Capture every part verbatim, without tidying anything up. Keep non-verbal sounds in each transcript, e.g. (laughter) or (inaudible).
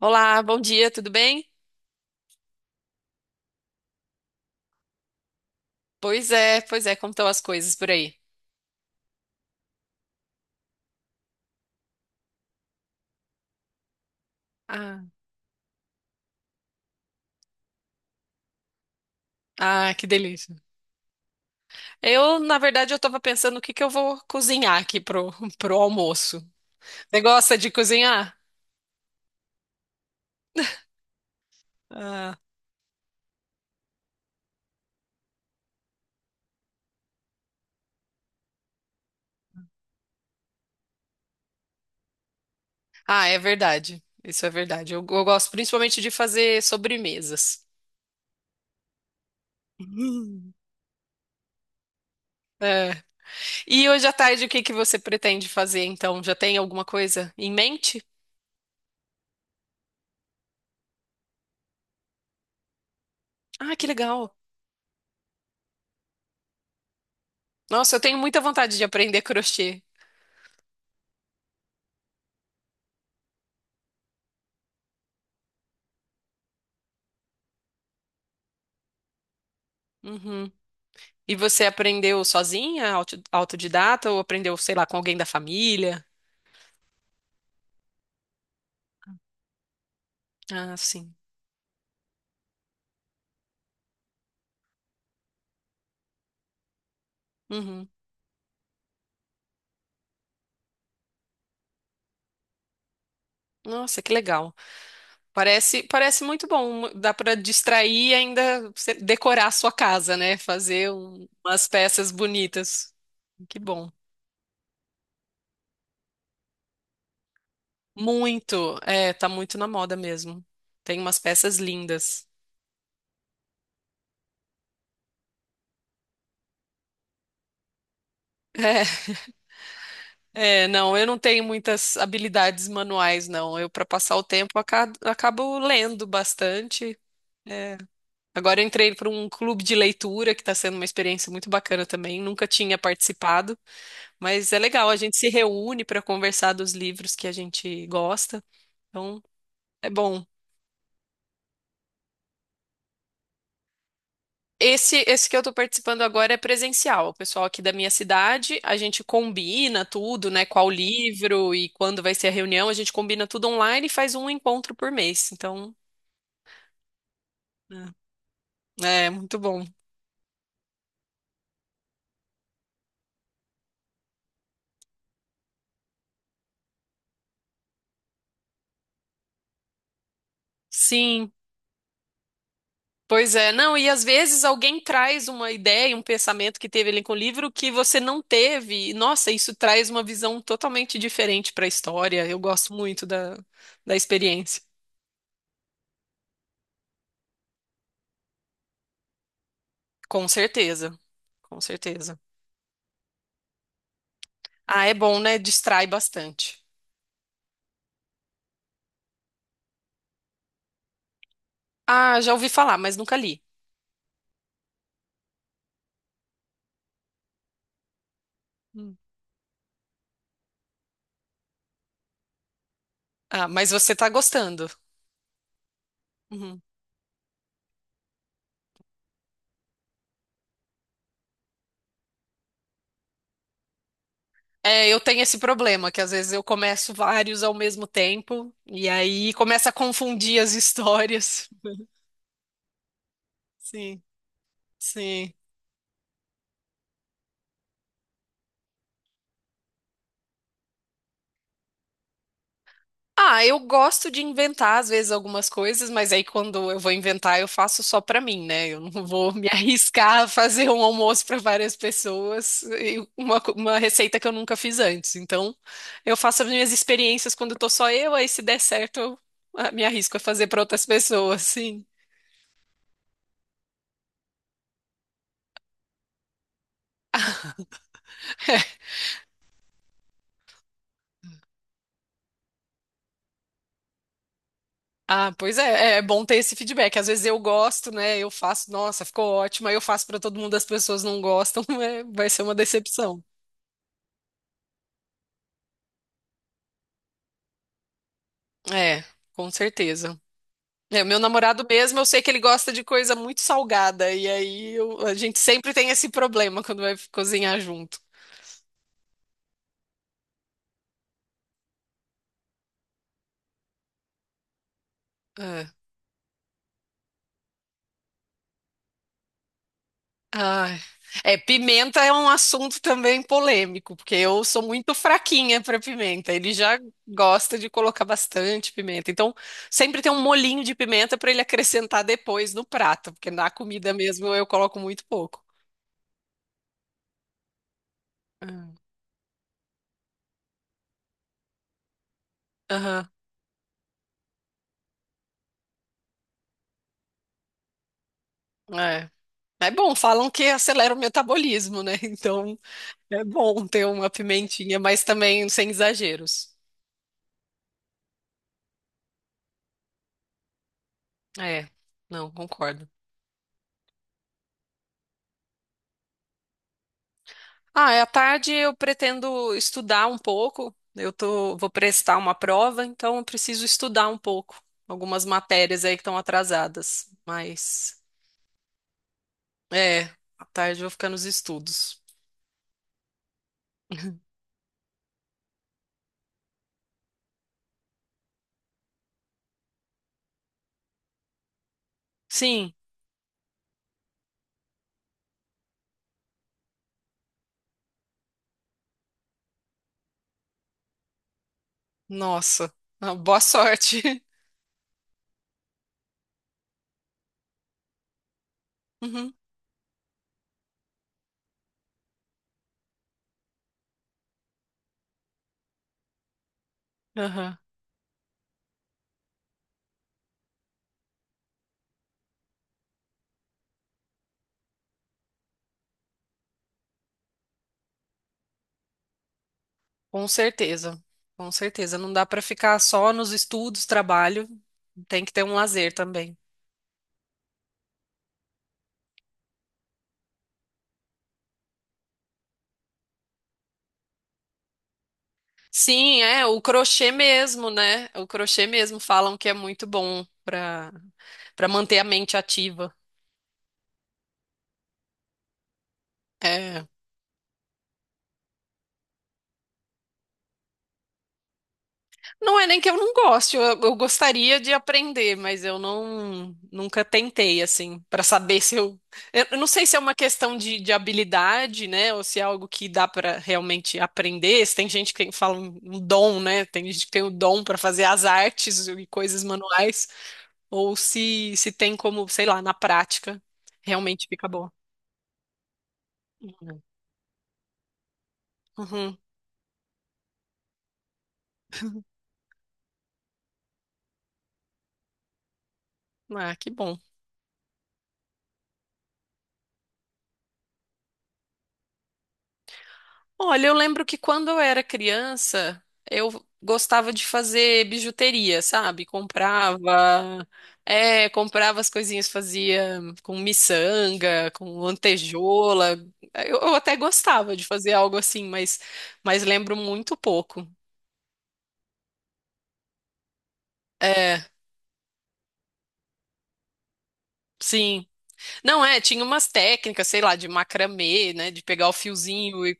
Olá, bom dia, tudo bem? Pois é, pois é, como estão as coisas por aí? Ah, ah, que delícia. Eu, na verdade, eu tava pensando o que que eu vou cozinhar aqui pro, (laughs) pro almoço. Você gosta de cozinhar? Ah, ah, é verdade. Isso é verdade. Eu, eu gosto principalmente de fazer sobremesas. Hum. É. E hoje à tarde, o que que você pretende fazer, então? Já tem alguma coisa em mente? Ah, que legal. Nossa, eu tenho muita vontade de aprender crochê. Uhum. E você aprendeu sozinha, auto- autodidata, ou aprendeu, sei lá, com alguém da família? Ah, sim. Uhum. Nossa, que legal. Parece, parece muito bom. Dá para distrair e ainda você decorar a sua casa, né? Fazer um- umas peças bonitas. Que bom. Muito. É, tá muito na moda mesmo. Tem umas peças lindas. É, não, eu não tenho muitas habilidades manuais, não. Eu, para passar o tempo, aca- acabo lendo bastante. É, agora eu entrei para um clube de leitura, que está sendo uma experiência muito bacana também. Nunca tinha participado, mas é legal. A gente se reúne para conversar dos livros que a gente gosta. Então, é bom. Esse, esse que eu estou participando agora é presencial. O pessoal aqui da minha cidade, a gente combina tudo, né? Qual livro e quando vai ser a reunião. A gente combina tudo online e faz um encontro por mês. Então, é é muito bom. Sim. Pois é, não, e às vezes alguém traz uma ideia, um pensamento que teve ali com o livro que você não teve. E, nossa, isso traz uma visão totalmente diferente para a história. Eu gosto muito da, da experiência. Com certeza, com certeza. Ah, é bom, né? Distrai bastante. Ah, já ouvi falar, mas nunca li. Hum. Ah, mas você tá gostando. Uhum. É, eu tenho esse problema, que às vezes eu começo vários ao mesmo tempo e aí começa a confundir as histórias. Sim, sim. Ah, eu gosto de inventar às vezes algumas coisas, mas aí quando eu vou inventar, eu faço só pra mim, né? Eu não vou me (laughs) arriscar a fazer um almoço pra várias pessoas e uma, co- uma receita que eu nunca fiz antes. Então, eu faço as minhas experiências quando tô só eu, aí se der certo, eu ah, me arrisco a fazer pra outras pessoas, sim. Ah, pois é, é bom ter esse feedback. Às vezes eu gosto, né? Eu faço, nossa, ficou ótimo, aí eu faço pra todo mundo, as pessoas não gostam, (laughs) é, vai ser uma decepção. É, com certeza. É, meu namorado mesmo, eu sei que ele gosta de coisa muito salgada, e aí eu- a gente sempre tem esse problema quando vai cozinhar junto. É. Ai. É, pimenta é um assunto também polêmico, porque eu sou muito fraquinha para pimenta. Ele já gosta de colocar bastante pimenta. Então, sempre tem um molinho de pimenta para ele acrescentar depois no prato, porque na comida mesmo eu coloco muito pouco. Ah, aham. É. É bom, falam que acelera o metabolismo, né? (laughs) Então. É bom ter uma pimentinha, mas também sem exageros. É, não, concordo. Ah, é, à tarde eu pretendo estudar um pouco. Eu tô, vou prestar uma prova, então eu preciso estudar um pouco. Algumas matérias aí que estão atrasadas. Mas, é, à tarde eu vou ficar nos estudos. (laughs) Sim, nossa. Ah, boa sorte. (laughs) Uhum, aham. Com certeza, com certeza. Não dá para ficar só nos estudos, trabalho. Tem que ter um lazer também. Sim, é, o crochê mesmo, né? O crochê mesmo falam que é muito bom para para manter a mente ativa. É. Não é nem que eu não goste, eu, eu gostaria de aprender, mas eu não nunca tentei assim para saber se eu, eu não sei se é uma questão de, de habilidade, né, ou se é algo que dá para realmente aprender. Se tem gente que fala um um dom, né? Tem gente que tem o dom para fazer as artes e coisas manuais, ou se se tem como, sei lá, na prática realmente fica bom. Uhum. Ah, que bom. Olha, eu lembro que quando eu era criança, eu gostava de fazer bijuteria, sabe? Comprava, é, comprava as coisinhas, fazia com miçanga, com lantejola. Eu, eu até gostava de fazer algo assim, mas, mas lembro muito pouco. É, sim. Não é, tinha umas técnicas, sei lá, de macramê, né, de pegar o fiozinho e,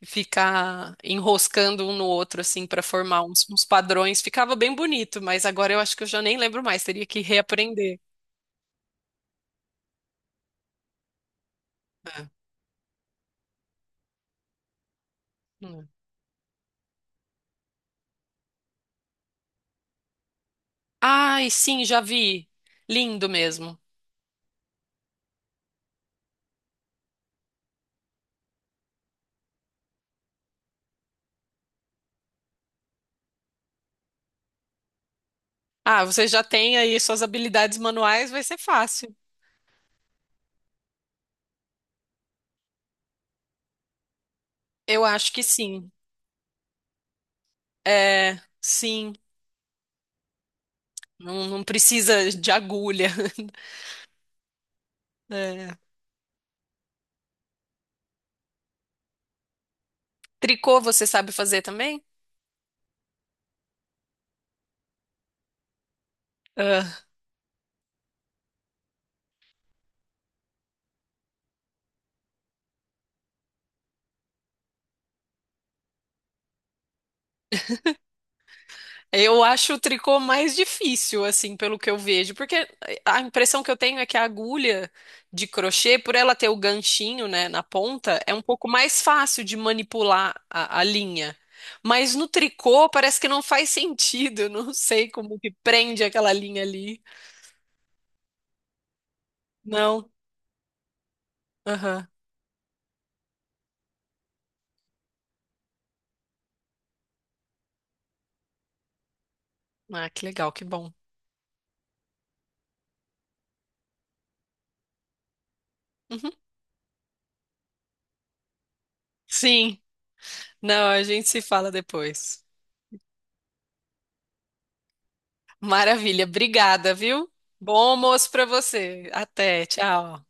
e ficar enroscando um no outro assim para formar uns, uns padrões. Ficava bem bonito, mas agora eu acho que eu já nem lembro mais, teria que reaprender. É. Hum. Ai, sim, já vi. Lindo mesmo. Ah, você já tem aí suas habilidades manuais, vai ser fácil. Eu acho que sim. É, sim. Não, não precisa de agulha. (laughs) É. Tricô você sabe fazer também? Eu acho o tricô mais difícil, assim, pelo que eu vejo, porque a impressão que eu tenho é que a agulha de crochê, por ela ter o ganchinho, né, na ponta, é um pouco mais fácil de manipular a, a linha. Mas no tricô parece que não faz sentido, (laughs) eu não sei como que prende aquela linha ali. Não. Aham. Ah, que legal, que bom. Uhum. Sim. Não, a gente se fala depois. Maravilha, obrigada, viu? Bom almoço pra você. Até, tchau.